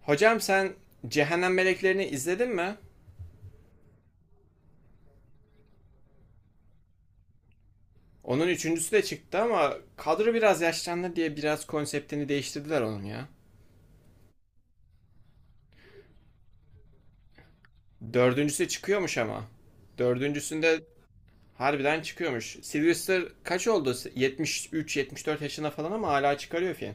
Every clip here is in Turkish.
Hocam sen Cehennem Meleklerini izledin mi? Onun üçüncüsü de çıktı ama kadro biraz yaşlandı diye biraz konseptini değiştirdiler onun ya. Dördüncüsü çıkıyormuş ama. Dördüncüsünde harbiden çıkıyormuş. Sylvester kaç oldu? 73 dört yaşında falan ama hala çıkarıyor film.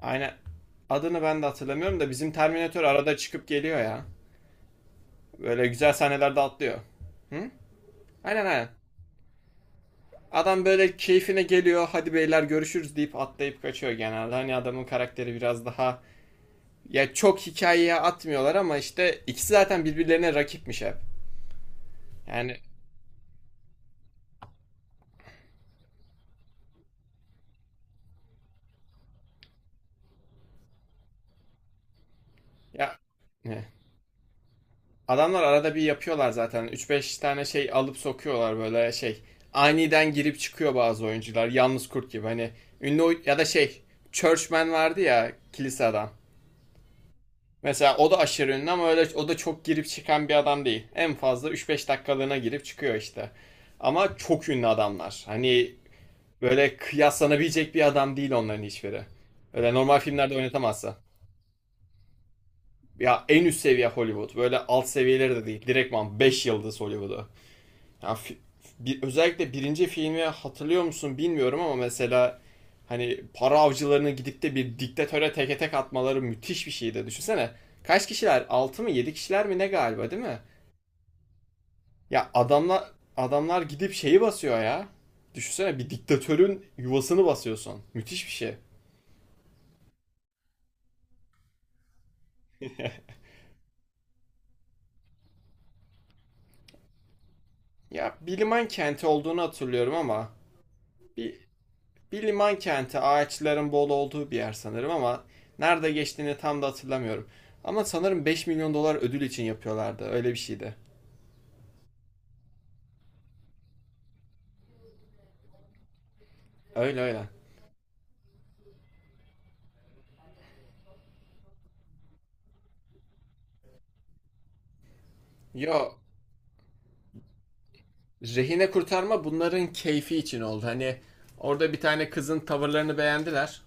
Aynen. Adını ben de hatırlamıyorum da bizim Terminator arada çıkıp geliyor ya. Böyle güzel sahnelerde atlıyor. Hı? Aynen aynen. Adam böyle keyfine geliyor, hadi beyler görüşürüz deyip atlayıp kaçıyor genelde. Hani adamın karakteri biraz daha ya çok hikayeye atmıyorlar ama işte ikisi zaten birbirlerine rakipmiş hep. Yani ya ne? Adamlar arada bir yapıyorlar zaten, üç beş tane şey alıp sokuyorlar böyle şey. Aniden girip çıkıyor bazı oyuncular yalnız kurt gibi, hani ünlü ya da şey, Churchman vardı ya, kilise adam. Mesela o da aşırı ünlü ama öyle, o da çok girip çıkan bir adam değil. En fazla üç beş dakikalığına girip çıkıyor işte. Ama çok ünlü adamlar. Hani böyle kıyaslanabilecek bir adam değil onların hiçbiri. Öyle normal filmlerde oynatamazsa. Ya en üst seviye Hollywood. Böyle alt seviyeleri de değil. Direktman 5 yıldız Hollywood'u. Ya bir, özellikle birinci filmi hatırlıyor musun bilmiyorum ama mesela hani para avcılarını gidip de bir diktatöre teke tek atmaları müthiş bir şeydi. Düşünsene. Kaç kişiler? 6 mı 7 kişiler mi ne galiba değil mi? Ya adamlar gidip şeyi basıyor ya. Düşünsene, bir diktatörün yuvasını basıyorsun. Müthiş bir şey. Ya Biliman kenti olduğunu hatırlıyorum ama bir Bir liman kenti, ağaçların bol olduğu bir yer sanırım ama nerede geçtiğini tam da hatırlamıyorum. Ama sanırım 5 milyon dolar ödül için yapıyorlardı. Öyle bir şeydi. Öyle öyle. Yo, rehine kurtarma bunların keyfi için oldu. Hani orada bir tane kızın tavırlarını beğendiler.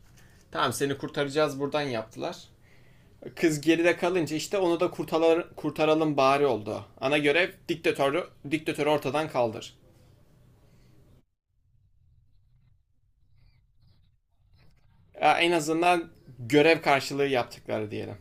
Tamam seni kurtaracağız buradan yaptılar. Kız geride kalınca işte onu da kurtaralım, kurtaralım bari oldu. Ana görev diktatörü ortadan kaldır. Ya en azından görev karşılığı yaptıkları diyelim.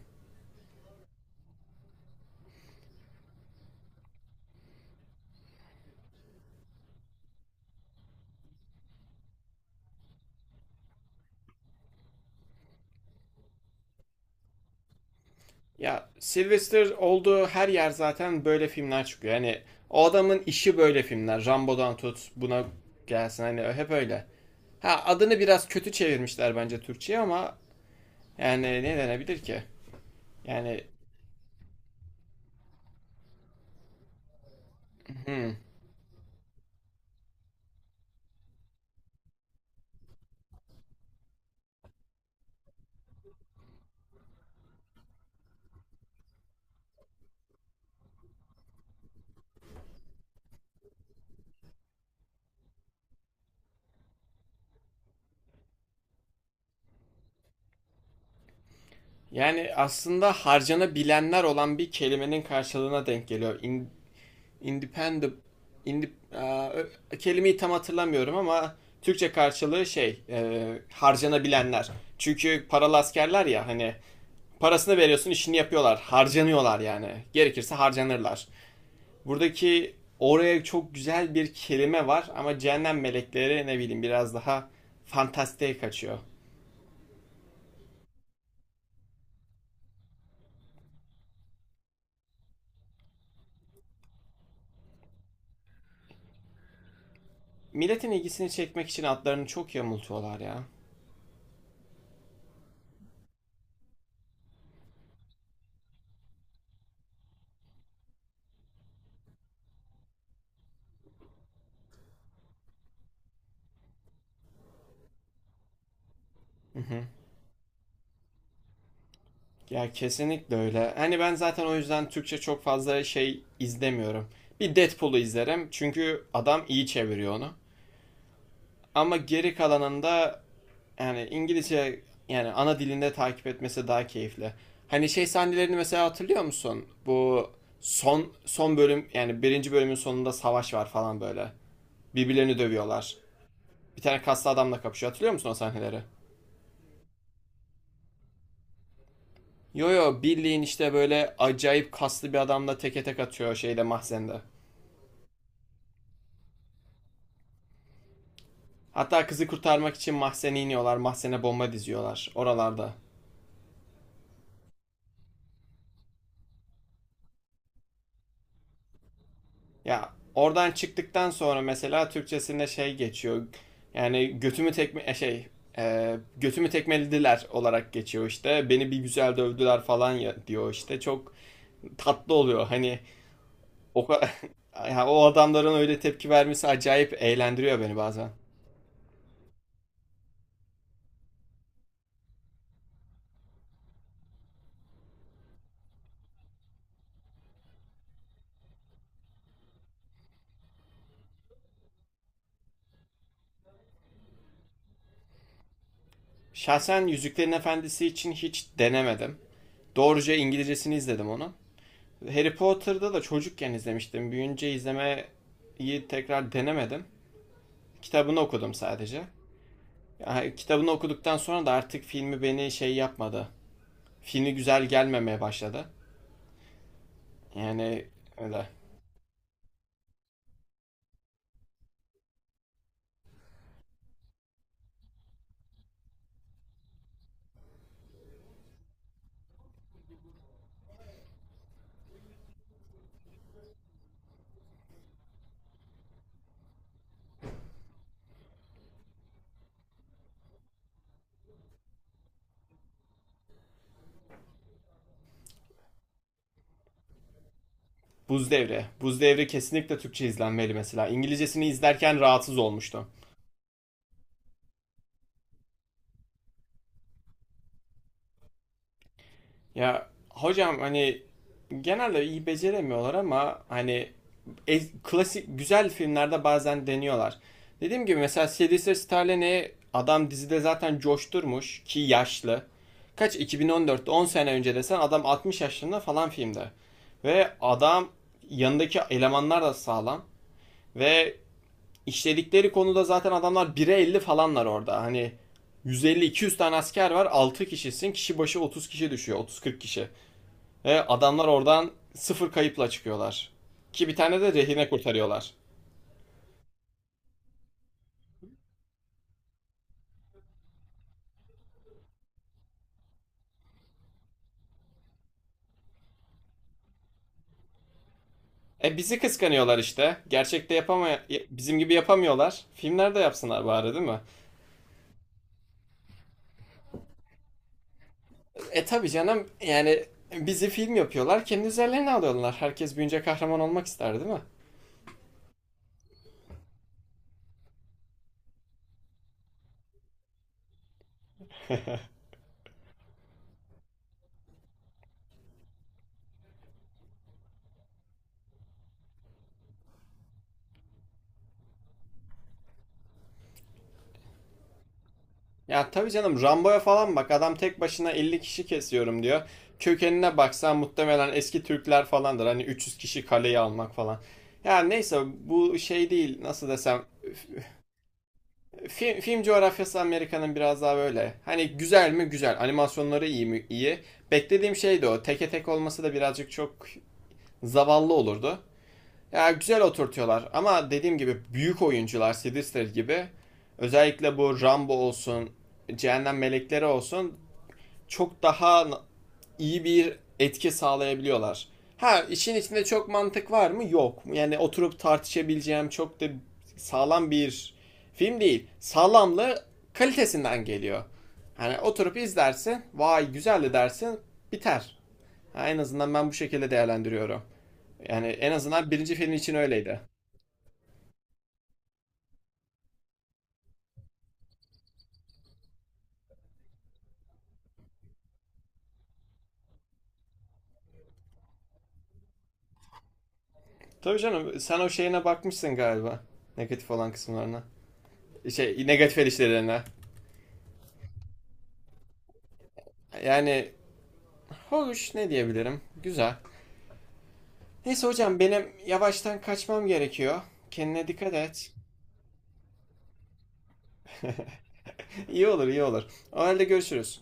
Ya Sylvester olduğu her yer zaten böyle filmler çıkıyor. Hani o adamın işi böyle filmler. Rambo'dan tut buna gelsin, hani hep öyle. Ha, adını biraz kötü çevirmişler bence Türkçe'ye ama yani ne denebilir ki? Yani hmm. Yani aslında harcanabilenler olan bir kelimenin karşılığına denk geliyor. Independent indip, aa, kelimeyi tam hatırlamıyorum ama Türkçe karşılığı harcanabilenler. Çünkü paralı askerler ya hani parasını veriyorsun, işini yapıyorlar. Harcanıyorlar yani. Gerekirse harcanırlar. Buradaki oraya çok güzel bir kelime var ama cehennem melekleri, ne bileyim, biraz daha fantastiğe kaçıyor. Milletin ilgisini çekmek için adlarını çok yamultuyorlar ya. Ya kesinlikle öyle. Hani ben zaten o yüzden Türkçe çok fazla şey izlemiyorum. Bir Deadpool'u izlerim çünkü adam iyi çeviriyor onu. Ama geri kalanında yani İngilizce, yani ana dilinde takip etmesi daha keyifli. Hani şey sahnelerini mesela hatırlıyor musun? Bu son son bölüm, yani birinci bölümün sonunda savaş var falan böyle. Birbirlerini dövüyorlar. Bir tane kaslı adamla kapışıyor. Hatırlıyor musun o sahneleri? Yo yo, Birliğin işte böyle acayip kaslı bir adamla teke tek atıyor şeyde, mahzende. Hatta kızı kurtarmak için mahzene iniyorlar. Mahzene bomba diziyorlar oralarda. Ya oradan çıktıktan sonra mesela Türkçesinde şey geçiyor. Yani götümü tekme e, şey e, götümü tekmelediler olarak geçiyor işte. Beni bir güzel dövdüler falan ya, diyor işte. Çok tatlı oluyor. Hani o o adamların öyle tepki vermesi acayip eğlendiriyor beni bazen. Şahsen Yüzüklerin Efendisi için hiç denemedim. Doğruca İngilizcesini izledim onu. Harry Potter'da da çocukken izlemiştim. Büyünce izlemeyi tekrar denemedim. Kitabını okudum sadece. Yani kitabını okuduktan sonra da artık filmi beni şey yapmadı. Filmi güzel gelmemeye başladı. Yani öyle. Buz Devri. Buz Devri kesinlikle Türkçe izlenmeli mesela. İngilizcesini izlerken rahatsız olmuştum. Ya hocam, hani genelde iyi beceremiyorlar ama hani klasik güzel filmlerde bazen deniyorlar. Dediğim gibi mesela Sylvester Stallone'yi adam dizide zaten coşturmuş ki yaşlı. Kaç 2014'te 10 sene önce desen adam 60 yaşında falan filmde. Ve adam, yanındaki elemanlar da sağlam ve işledikleri konuda zaten adamlar 1'e 50 falanlar orada. Hani 150 200 tane asker var, 6 kişisin, kişi başı 30 kişi düşüyor, 30-40 kişi. Ve adamlar oradan sıfır kayıpla çıkıyorlar. Ki bir tane de rehine kurtarıyorlar. E bizi kıskanıyorlar işte. Gerçekte bizim gibi yapamıyorlar. Filmlerde yapsınlar bari, değil mi? E tabii canım, yani bizi film yapıyorlar. Kendi üzerlerine alıyorlar. Herkes büyünce kahraman olmak ister, değil mi? Ya tabii canım, Rambo'ya falan bak. Adam tek başına 50 kişi kesiyorum diyor. Kökenine baksan muhtemelen eski Türkler falandır. Hani 300 kişi kaleyi almak falan. Ya neyse, bu şey değil, nasıl desem, film, film coğrafyası Amerika'nın, biraz daha böyle. Hani güzel mi? Güzel. Animasyonları iyi mi? İyi. Beklediğim şey de o. Teke tek olması da birazcık çok zavallı olurdu. Ya güzel oturtuyorlar ama dediğim gibi büyük oyuncular Sidister gibi, özellikle bu Rambo olsun, Cehennem Melekleri olsun çok daha iyi bir etki sağlayabiliyorlar. Ha, işin içinde çok mantık var mı? Yok. Yani oturup tartışabileceğim çok da sağlam bir film değil. Sağlamlığı kalitesinden geliyor. Hani oturup izlersin, vay güzeldi dersin, biter. Ha, en azından ben bu şekilde değerlendiriyorum. Yani en azından birinci film için öyleydi. Tabii canım, sen o şeyine bakmışsın galiba. Negatif olan kısımlarına. Şey, negatif eleştirilerine. Yani, hoş ne diyebilirim? Güzel. Neyse hocam, benim yavaştan kaçmam gerekiyor. Kendine dikkat et. İyi olur, iyi olur. O halde görüşürüz.